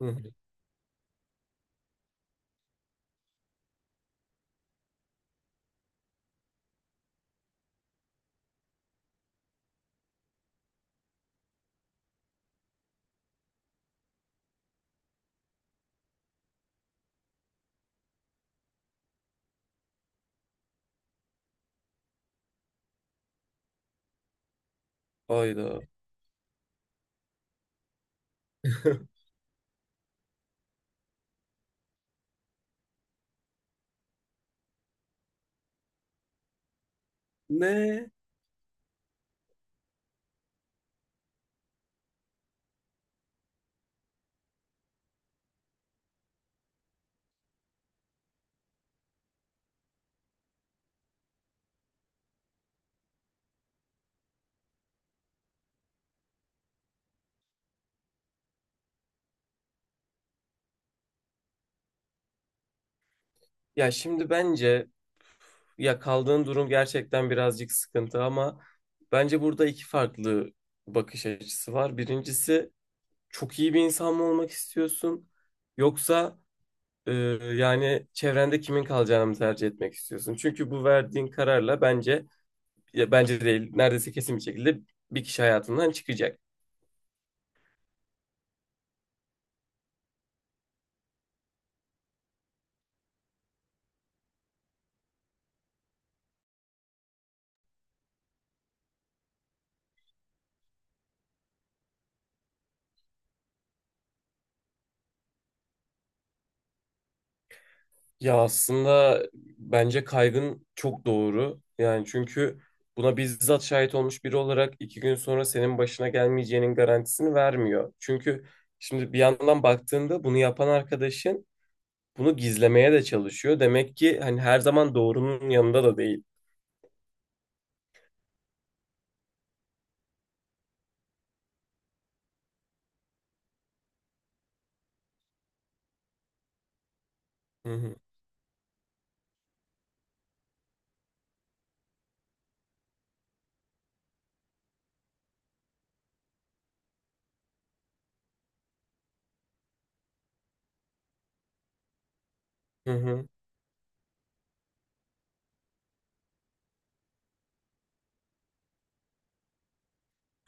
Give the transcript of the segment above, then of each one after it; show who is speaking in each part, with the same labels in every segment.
Speaker 1: Hı hı. Hayda. Ne? Ya şimdi bence, ya kaldığın durum gerçekten birazcık sıkıntı, ama bence burada iki farklı bakış açısı var. Birincisi, çok iyi bir insan mı olmak istiyorsun, yoksa e, yani çevrende kimin kalacağını mı tercih etmek istiyorsun? Çünkü bu verdiğin kararla bence, ya bence değil, neredeyse kesin bir şekilde bir kişi hayatından çıkacak. Ya aslında bence kaygın çok doğru. Yani çünkü buna bizzat şahit olmuş biri olarak iki gün sonra senin başına gelmeyeceğinin garantisini vermiyor. Çünkü şimdi bir yandan baktığında bunu yapan arkadaşın bunu gizlemeye de çalışıyor. Demek ki hani her zaman doğrunun yanında da değil. Hı hı, hı hı.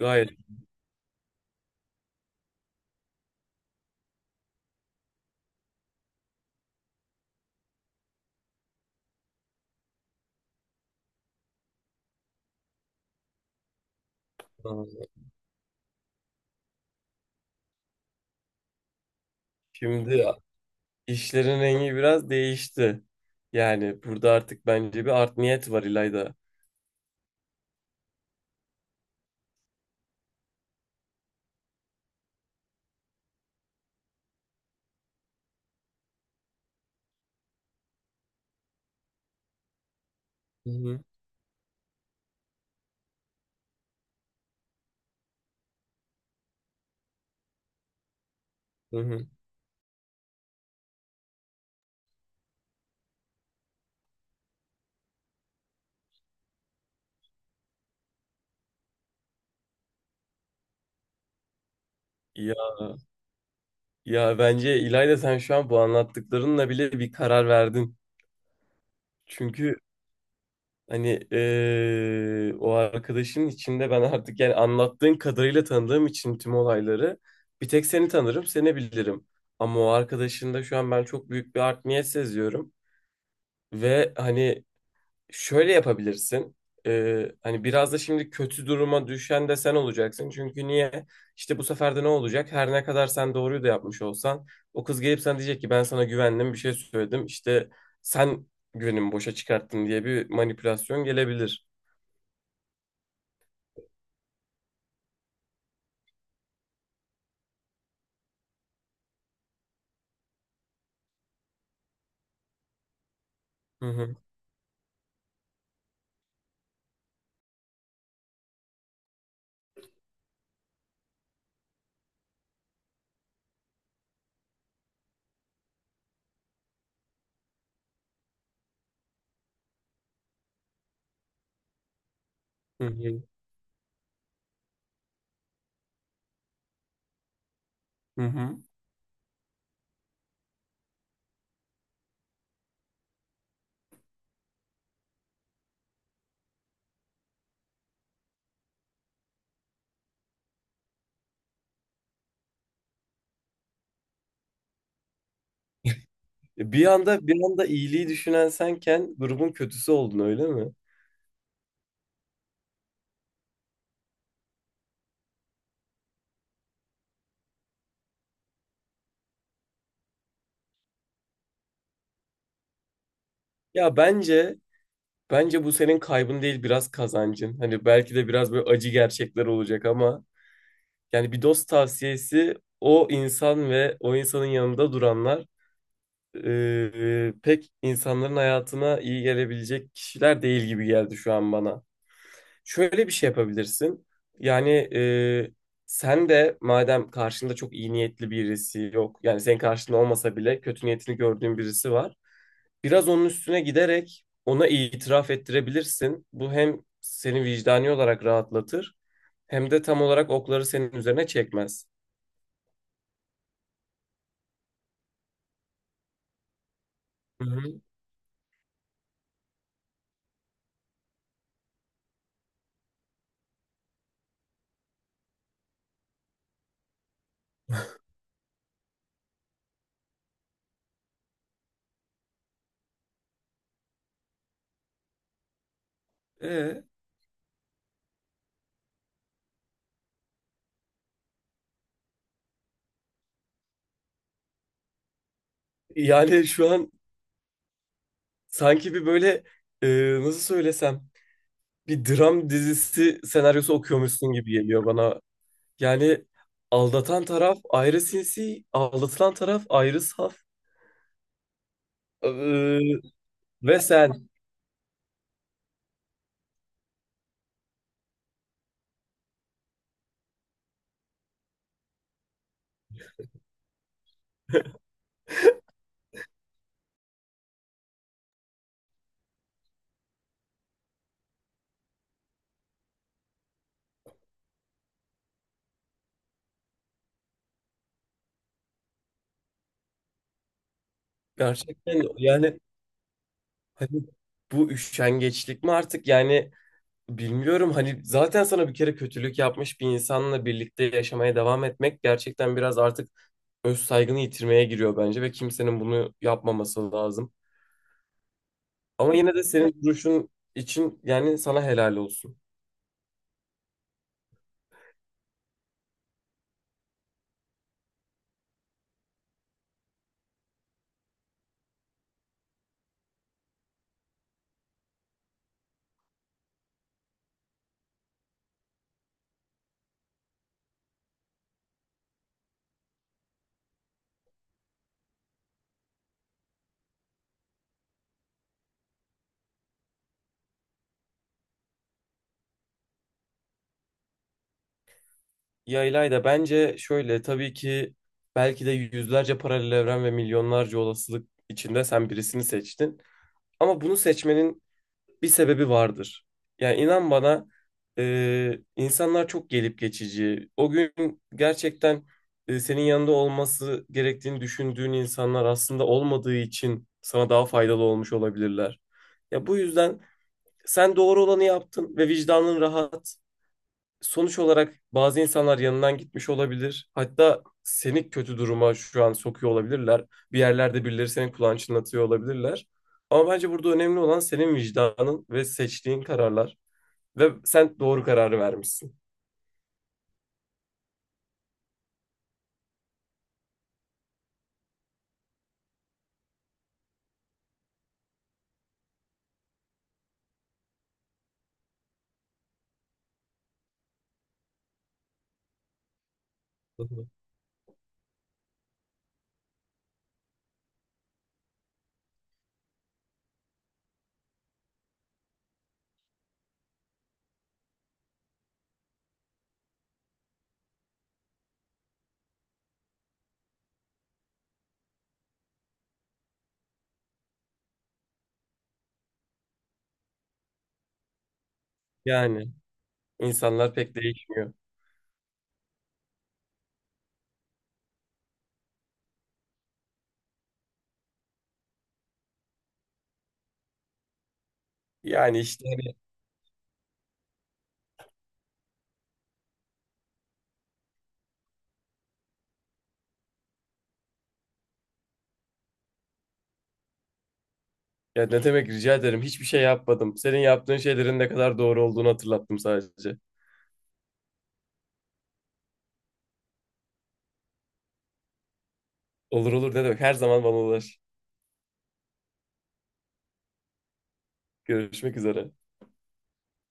Speaker 1: Gayet. Şimdi işlerin rengi biraz değişti. Yani burada artık bence bir art niyet var, İlayda. Hı hı, hı hı. İyi. Ya bence, İlayda, sen şu an bu anlattıklarınla bile bir karar verdin. Çünkü hani o arkadaşın içinde, ben artık, yani anlattığın kadarıyla tanıdığım için tüm olayları, bir tek seni tanırım, seni bilirim. Ama o arkadaşında şu an ben çok büyük bir art niyet seziyorum. Ve hani şöyle yapabilirsin. Hani biraz da şimdi kötü duruma düşen de sen olacaksın. Çünkü niye? İşte bu sefer de ne olacak? Her ne kadar sen doğruyu da yapmış olsan, o kız gelip sana diyecek ki ben sana güvendim, bir şey söyledim. İşte sen güvenimi boşa çıkarttın diye bir manipülasyon gelebilir. Hı hı, hı hı, hı hı. Bir anda, bir anda iyiliği düşünen senken grubun kötüsü oldun, öyle mi? Ya bence, bence bu senin kaybın değil, biraz kazancın. Hani belki de biraz böyle acı gerçekler olacak, ama yani bir dost tavsiyesi, o insan ve o insanın yanında duranlar pek insanların hayatına iyi gelebilecek kişiler değil gibi geldi şu an bana. Şöyle bir şey yapabilirsin. Yani, sen de madem karşında çok iyi niyetli birisi yok. Yani senin karşında olmasa bile kötü niyetini gördüğün birisi var. Biraz onun üstüne giderek ona itiraf ettirebilirsin. Bu hem seni vicdani olarak rahatlatır, hem de tam olarak okları senin üzerine çekmez. Hı hı. Ee, Yani şu an sanki bir böyle, e, nasıl söylesem, bir dram dizisi senaryosu okuyormuşsun gibi geliyor bana. Yani aldatan taraf ayrı sinsi, aldatılan taraf ayrı saf. Ee, Ve sen gerçekten, yani hani bu üşengeçlik mi artık, yani bilmiyorum, hani zaten sana bir kere kötülük yapmış bir insanla birlikte yaşamaya devam etmek gerçekten biraz artık öz saygını yitirmeye giriyor bence, ve kimsenin bunu yapmaması lazım. Ama yine de senin duruşun için yani sana helal olsun. Ya İlayda, bence şöyle, tabii ki belki de yüzlerce paralel evren ve milyonlarca olasılık içinde sen birisini seçtin. Ama bunu seçmenin bir sebebi vardır. Yani inan bana, insanlar çok gelip geçici. O gün gerçekten senin yanında olması gerektiğini düşündüğün insanlar aslında olmadığı için sana daha faydalı olmuş olabilirler. Ya bu yüzden sen doğru olanı yaptın ve vicdanın rahat. Sonuç olarak bazı insanlar yanından gitmiş olabilir. Hatta seni kötü duruma şu an sokuyor olabilirler. Bir yerlerde birileri senin kulağını çınlatıyor olabilirler. Ama bence burada önemli olan senin vicdanın ve seçtiğin kararlar. Ve sen doğru kararı vermişsin. Hı hı. Yani. İnsanlar pek değişmiyor. Yani işte hani, ya ne demek, rica ederim, hiçbir şey yapmadım. Senin yaptığın şeylerin ne kadar doğru olduğunu hatırlattım sadece. Olur, olur, ne demek, her zaman bana ulaş. Görüşmek üzere.